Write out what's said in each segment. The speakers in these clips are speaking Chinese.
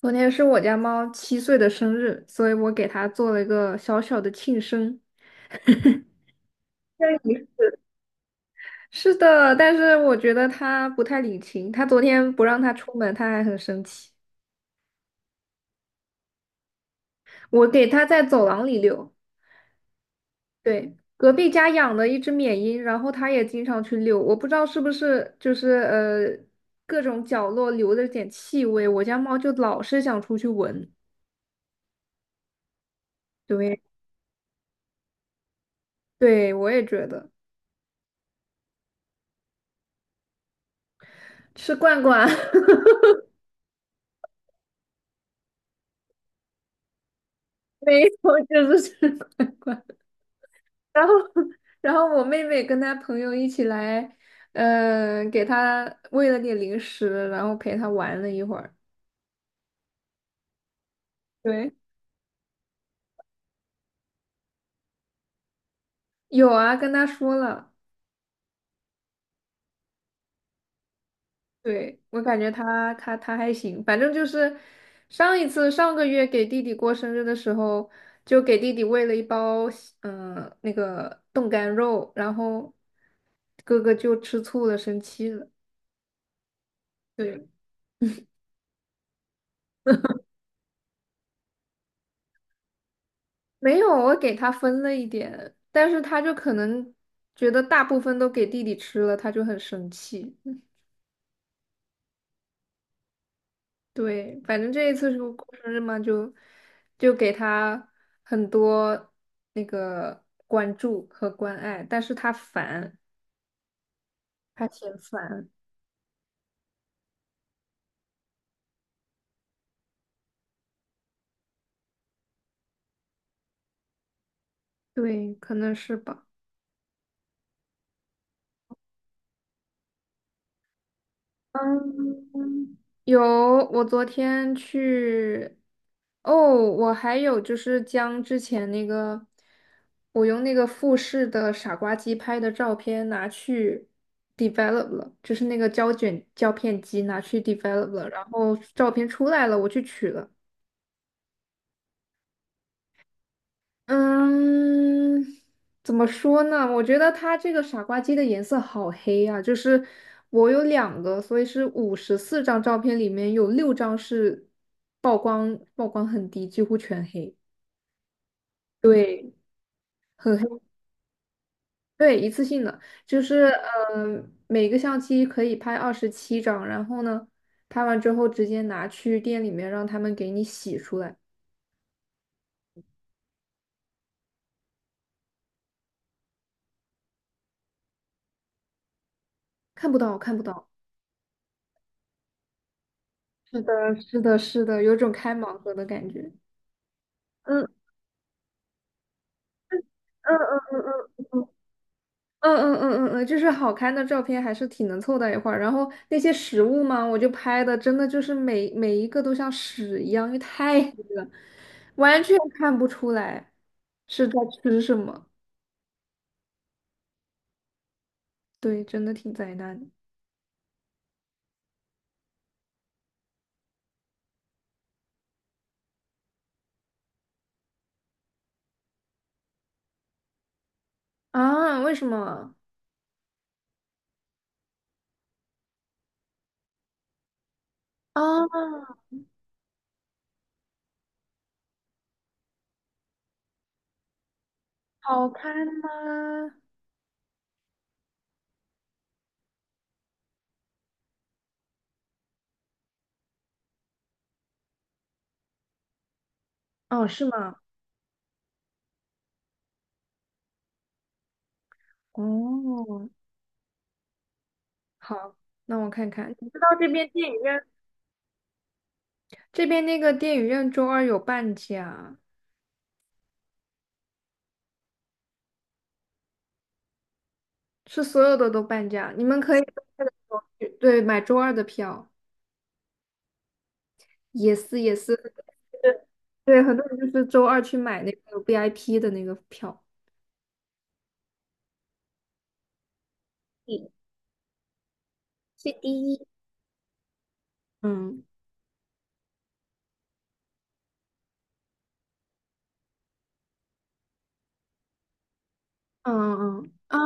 昨天是我家猫7岁的生日，所以我给它做了一个小小的庆生。那你是的，但是我觉得它不太领情。它昨天不让它出门，它还很生气。我给它在走廊里遛，对，隔壁家养了一只缅因，然后它也经常去遛。我不知道是不是就是各种角落留着点气味，我家猫就老是想出去闻。对，对，我也觉得吃罐罐 没错，就是 吃罐罐。然后，然后我妹妹跟她朋友一起来，给她喂了点零食，然后陪她玩了一会儿。对，有啊，跟她说了。对，我感觉她还行，反正就是上一次上个月给弟弟过生日的时候，就给弟弟喂了一包那个冻干肉，然后哥哥就吃醋了，生气了。对。没有，我给他分了一点，但是他就可能觉得大部分都给弟弟吃了，他就很生气。对，反正这一次是我过生日嘛，就给他很多那个关注和关爱，但是他烦，他嫌烦，对，可能是吧。嗯，有，我昨天去，哦，我还有就是将之前那个，我用那个富士的傻瓜机拍的照片拿去 develop 了，就是那个胶卷胶片机拿去 develop 了，然后照片出来了，我去取了。嗯，怎么说呢？我觉得它这个傻瓜机的颜色好黑呀，就是我有2个，所以是54张照片里面有6张是曝光很低，几乎全黑。对，很黑。对，一次性的，就是每个相机可以拍27张，然后呢，拍完之后直接拿去店里面让他们给你洗出来，看不到，看不到。是的，是的，是的，有种开盲盒的感觉。嗯。嗯嗯嗯嗯就是好看的照片还是挺能凑到一块儿。然后那些食物嘛，我就拍的真的就是每一个都像屎一样，因为太黑了，完全看不出来是在吃什么。对，真的挺灾难的啊！为什么啊？好看吗？哦，是吗？哦，好，那我看看。你知道这边那个电影院周二有半价。是所有的都半价，你们可以周二的时候去对，买周二的票，也是也是，就是对，对很多人就是周二去买那个 VIP 的那个票。嗯，第一嗯嗯嗯啊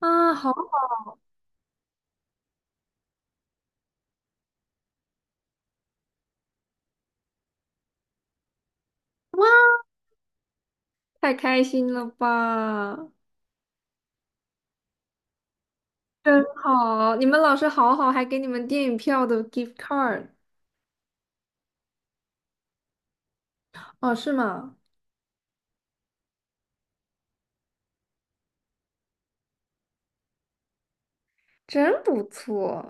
啊，好好，太开心了吧，真好！你们老师好好，还给你们电影票的 gift card。哦，是吗？真不错，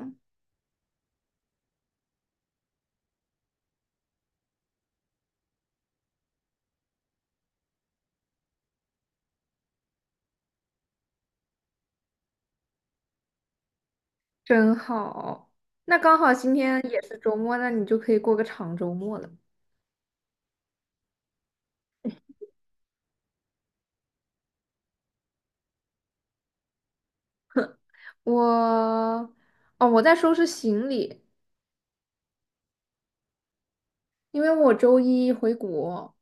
真好。那刚好今天也是周末，那你就可以过个长周末了。我哦，我在收拾行李，因为我周一回国。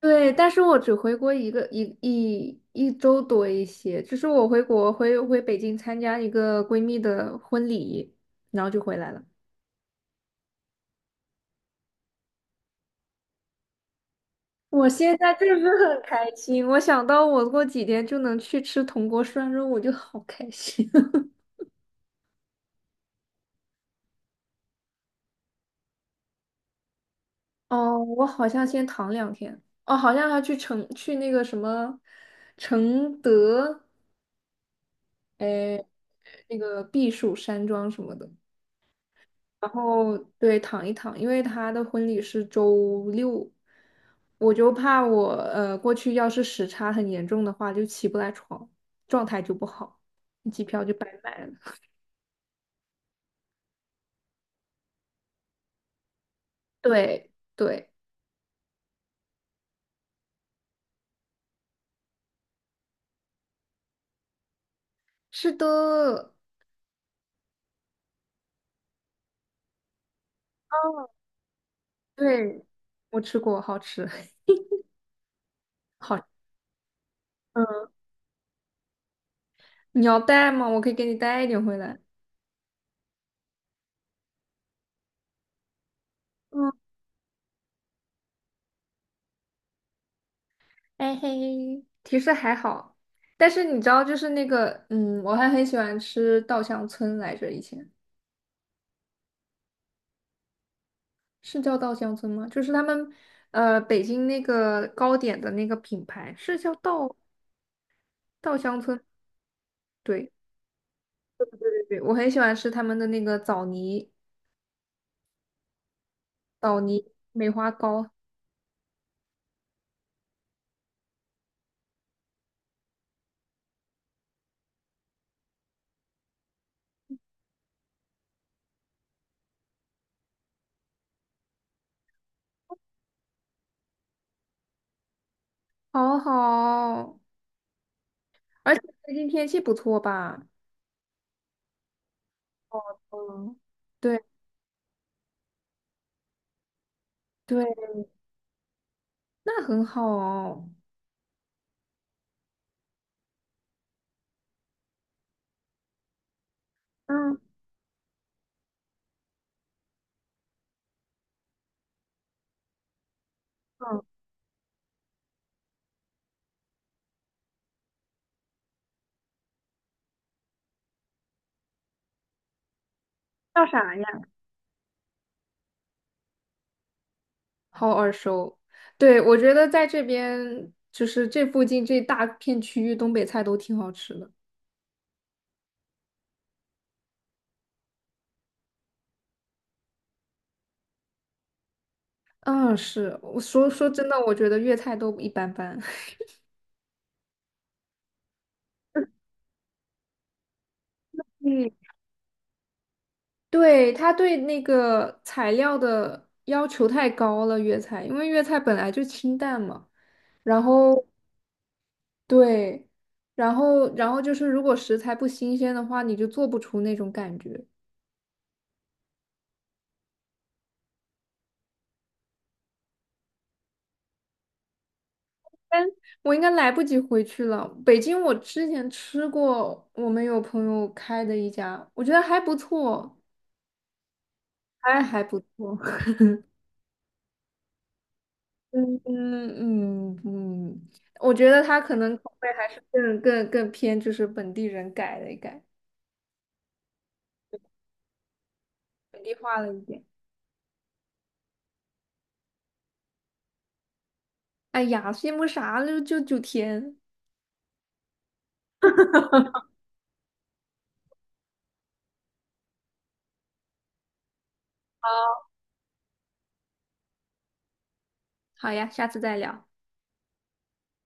对，但是我只回国一周多一些，就是我回国回回北京参加一个闺蜜的婚礼，然后就回来了。我现在就是很开心，我想到我过几天就能去吃铜锅涮肉，我就好开心。哦，我好像先躺2天。哦，好像还去那个什么承德。呃，那个避暑山庄什么的，然后对躺一躺，因为他的婚礼是周六，我就怕我过去要是时差很严重的话，就起不来床，状态就不好，机票就白买了。对对，是的，哦，对，我吃过，好吃。嗯，你要带吗？我可以给你带一点回来。嗯。哎嘿，其实还好，但是你知道，就是那个，我还很喜欢吃稻香村来着，以前是叫稻香村吗？就是他们，北京那个糕点的那个品牌是叫稻香村，对对对，我很喜欢吃他们的那个枣泥梅花糕，好好，而且最近天气不错吧？嗯，对对，那很好哦。嗯嗯，叫啥呀？好耳熟。对，我觉得在这边就是这附近这大片区域，东北菜都挺好吃的。嗯，是，我说真的，我觉得粤菜都一般般。嗯，对，他对那个材料的要求太高了，粤菜，因为粤菜本来就清淡嘛。然后对，然后就是如果食材不新鲜的话，你就做不出那种感觉。但我应该来不及回去了。北京我之前吃过，我们有朋友开的一家，我觉得还不错，还不错。嗯嗯嗯嗯，我觉得他可能口味还是更偏就是本地人改了一改，本地化了一点。哎呀，羡慕啥了？就9天。好呀，下次再聊。